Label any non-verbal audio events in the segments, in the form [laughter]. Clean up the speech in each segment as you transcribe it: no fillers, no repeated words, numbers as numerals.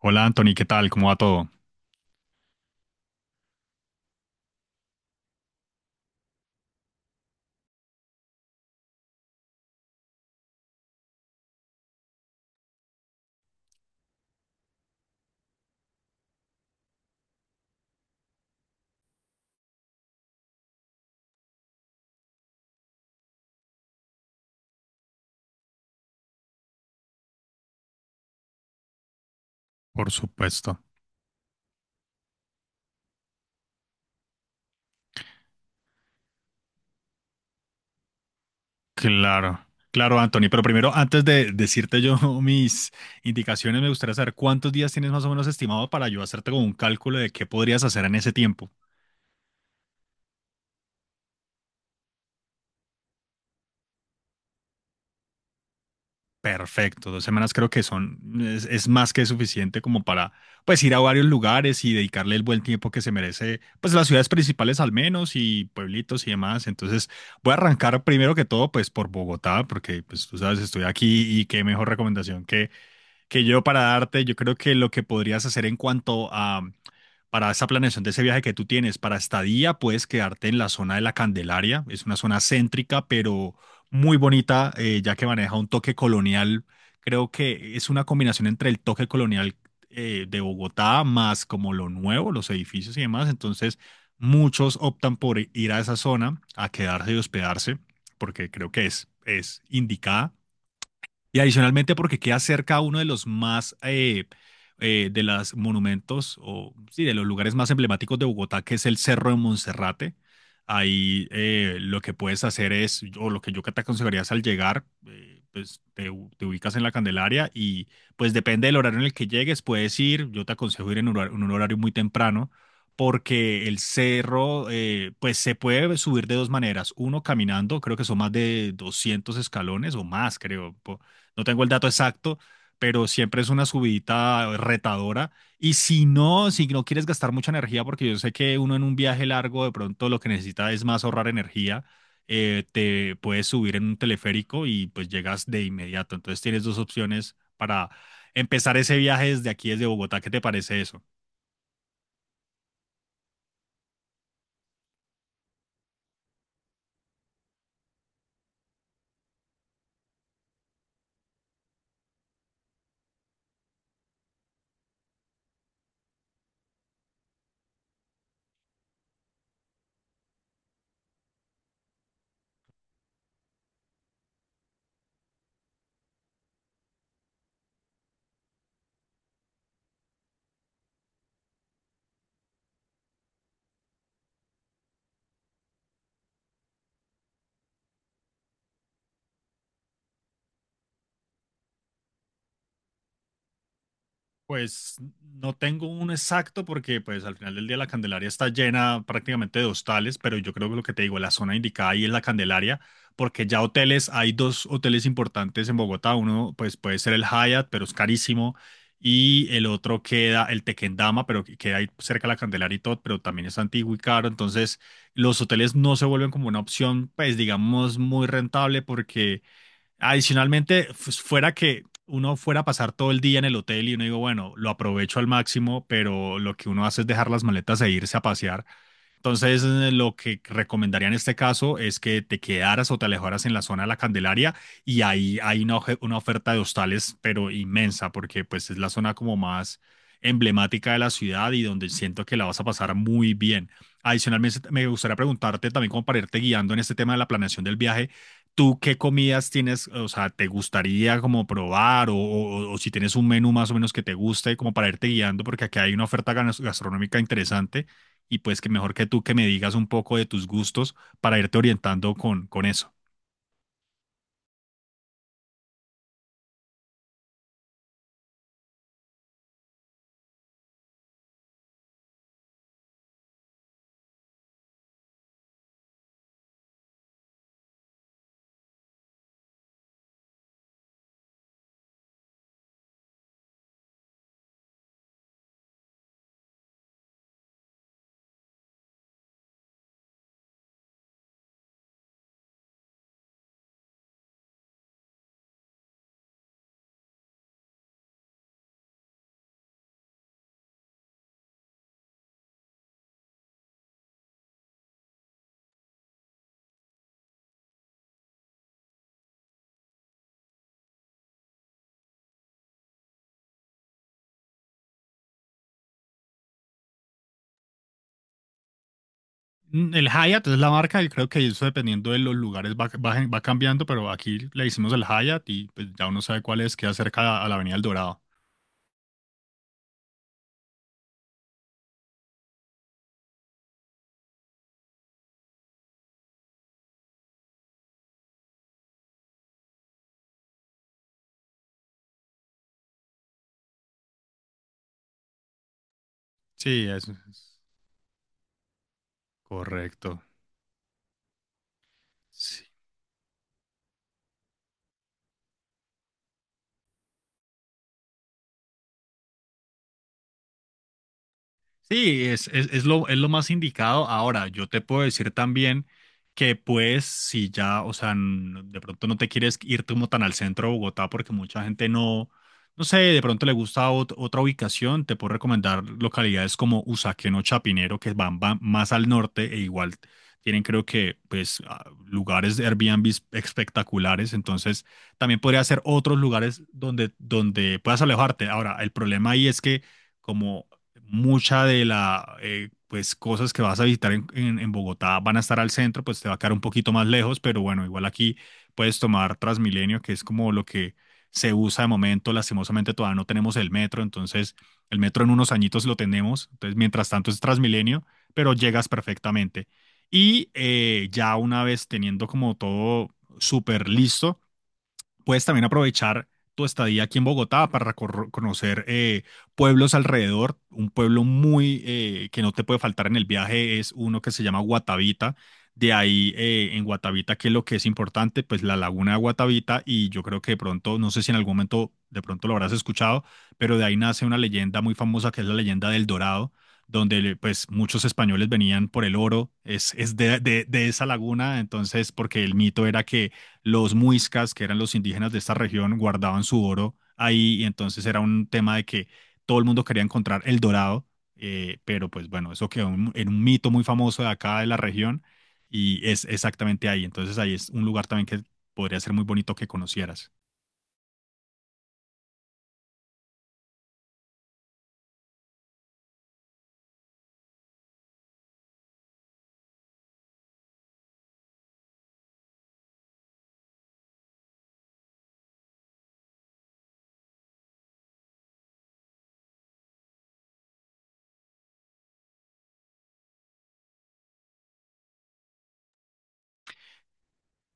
Hola Anthony, ¿qué tal? ¿Cómo va todo? Por supuesto. Claro, claro Anthony, pero primero, antes de decirte yo [laughs] mis indicaciones, me gustaría saber cuántos días tienes más o menos estimado para yo hacerte como un cálculo de qué podrías hacer en ese tiempo. Perfecto, dos semanas creo que son, es más que suficiente como para pues ir a varios lugares y dedicarle el buen tiempo que se merece, pues las ciudades principales al menos y pueblitos y demás. Entonces voy a arrancar primero que todo pues por Bogotá, porque pues tú sabes, estoy aquí y qué mejor recomendación que yo para darte, yo creo que lo que podrías hacer en cuanto a, para esa planeación de ese viaje que tú tienes, para estadía, puedes quedarte en la zona de la Candelaria. Es una zona céntrica, pero muy bonita, ya que maneja un toque colonial. Creo que es una combinación entre el toque colonial de Bogotá más como lo nuevo, los edificios y demás. Entonces, muchos optan por ir a esa zona, a quedarse y hospedarse, porque creo que es indicada. Y adicionalmente porque queda cerca a uno de los más, de los monumentos, o sí, de los lugares más emblemáticos de Bogotá, que es el Cerro de Monserrate. Ahí lo que puedes hacer es, o lo que yo te aconsejaría es al llegar, pues te, te ubicas en la Candelaria y pues depende del horario en el que llegues, puedes ir, yo te aconsejo ir en un horario muy temprano, porque el cerro, pues se puede subir de dos maneras. Uno, caminando, creo que son más de 200 escalones o más, creo. No tengo el dato exacto, pero siempre es una subidita retadora. Y si no, si no quieres gastar mucha energía, porque yo sé que uno en un viaje largo de pronto lo que necesita es más ahorrar energía, te puedes subir en un teleférico y pues llegas de inmediato. Entonces tienes dos opciones para empezar ese viaje desde aquí, desde Bogotá. ¿Qué te parece eso? Pues no tengo un exacto porque pues al final del día la Candelaria está llena prácticamente de hostales, pero yo creo que lo que te digo, la zona indicada ahí es la Candelaria, porque ya hoteles, hay dos hoteles importantes en Bogotá, uno pues puede ser el Hyatt, pero es carísimo, y el otro queda el Tequendama, pero que queda ahí cerca de la Candelaria y todo, pero también es antiguo y caro, entonces los hoteles no se vuelven como una opción pues digamos muy rentable porque adicionalmente, pues, fuera que uno fuera a pasar todo el día en el hotel y uno digo, bueno, lo aprovecho al máximo, pero lo que uno hace es dejar las maletas e irse a pasear entonces, lo que recomendaría en este caso es que te quedaras o te alejaras en la zona de la Candelaria y ahí hay una, una oferta de hostales, pero inmensa, porque pues es la zona como más emblemática de la ciudad y donde siento que la vas a pasar muy bien. Adicionalmente, me gustaría preguntarte también como para irte guiando en este tema de la planeación del viaje, ¿tú qué comidas tienes, o sea, te gustaría como probar o, o si tienes un menú más o menos que te guste como para irte guiando, porque aquí hay una oferta gastronómica interesante y pues que mejor que tú que me digas un poco de tus gustos para irte orientando con eso. Mm, el Hyatt es la marca y creo que eso dependiendo de los lugares va, va cambiando, pero aquí le hicimos el Hyatt y pues ya uno sabe cuál es, queda cerca a la Avenida El Dorado. Sí, eso es correcto. Sí. Sí, es lo más indicado. Ahora, yo te puedo decir también que pues si ya, o sea, de pronto no te quieres ir como tan al centro de Bogotá porque mucha gente no, no sé, de pronto le gusta otra ubicación, te puedo recomendar localidades como Usaquén o Chapinero que van, van más al norte e igual tienen creo que pues lugares de Airbnb espectaculares, entonces también podría ser otros lugares donde, donde puedas alejarte. Ahora, el problema ahí es que… Como mucha de la, pues, cosas que vas a visitar en, en Bogotá van a estar al centro, pues te va a quedar un poquito más lejos, pero bueno, igual aquí puedes tomar Transmilenio, que es como lo que se usa de momento. Lastimosamente todavía no tenemos el metro, entonces el metro en unos añitos lo tenemos. Entonces, mientras tanto es Transmilenio, pero llegas perfectamente. Y ya una vez teniendo como todo súper listo, puedes también aprovechar tu estadía aquí en Bogotá para conocer pueblos alrededor. Un pueblo muy que no te puede faltar en el viaje es uno que se llama Guatavita. De ahí en Guatavita, ¿qué es lo que es importante? Pues la laguna de Guatavita y yo creo que de pronto, no sé si en algún momento de pronto lo habrás escuchado, pero de ahí nace una leyenda muy famosa que es la leyenda del Dorado, donde pues muchos españoles venían por el oro, es de, de esa laguna, entonces porque el mito era que los muiscas, que eran los indígenas de esta región, guardaban su oro ahí y entonces era un tema de que todo el mundo quería encontrar el Dorado, pero pues bueno, eso quedó en un mito muy famoso de acá de la región y es exactamente ahí. Entonces ahí es un lugar también que podría ser muy bonito que conocieras.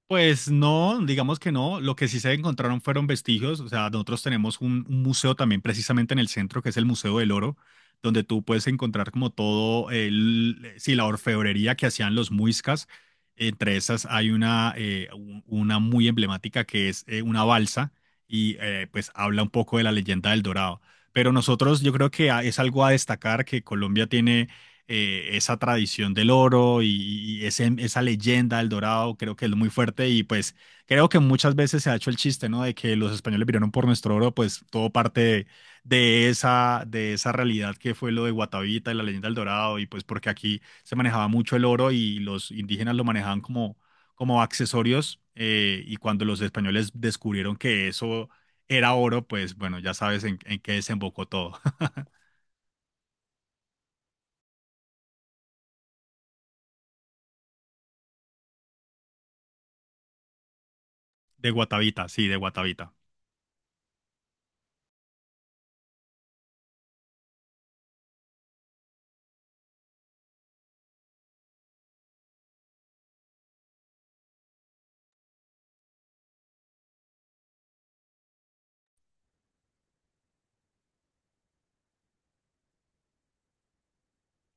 Pues no, digamos que no. Lo que sí se encontraron fueron vestigios. O sea, nosotros tenemos un museo también precisamente en el centro, que es el Museo del Oro, donde tú puedes encontrar como todo, el, sí, la orfebrería que hacían los muiscas. Entre esas hay una, una muy emblemática que es una balsa y pues habla un poco de la leyenda del Dorado. Pero nosotros yo creo que es algo a destacar que Colombia tiene esa tradición del oro y, y esa leyenda del Dorado, creo que es muy fuerte y pues creo que muchas veces se ha hecho el chiste, ¿no? De que los españoles vinieron por nuestro oro, pues todo parte de esa realidad que fue lo de Guatavita y la leyenda del Dorado y pues porque aquí se manejaba mucho el oro y los indígenas lo manejaban como, como accesorios y cuando los españoles descubrieron que eso era oro, pues bueno, ya sabes en qué desembocó todo. [laughs] De Guatavita.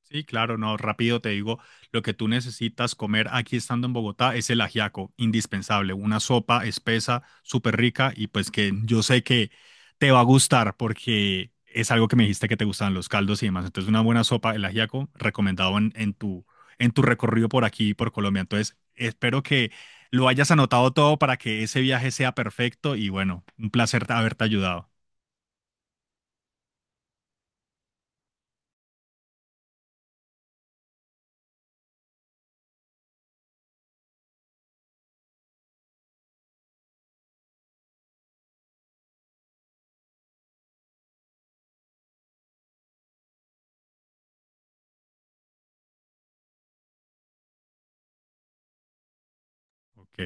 Sí, claro, no, rápido te digo, lo que tú necesitas comer aquí estando en Bogotá es el ajiaco, indispensable, una sopa espesa, súper rica y pues que yo sé que te va a gustar porque es algo que me dijiste que te gustaban los caldos y demás. Entonces, una buena sopa, el ajiaco, recomendado en tu recorrido por aquí, por Colombia. Entonces, espero que lo hayas anotado todo para que ese viaje sea perfecto y bueno, un placer haberte ayudado. Ok,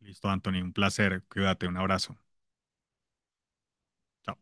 listo, Anthony, un placer, cuídate, un abrazo. Chao.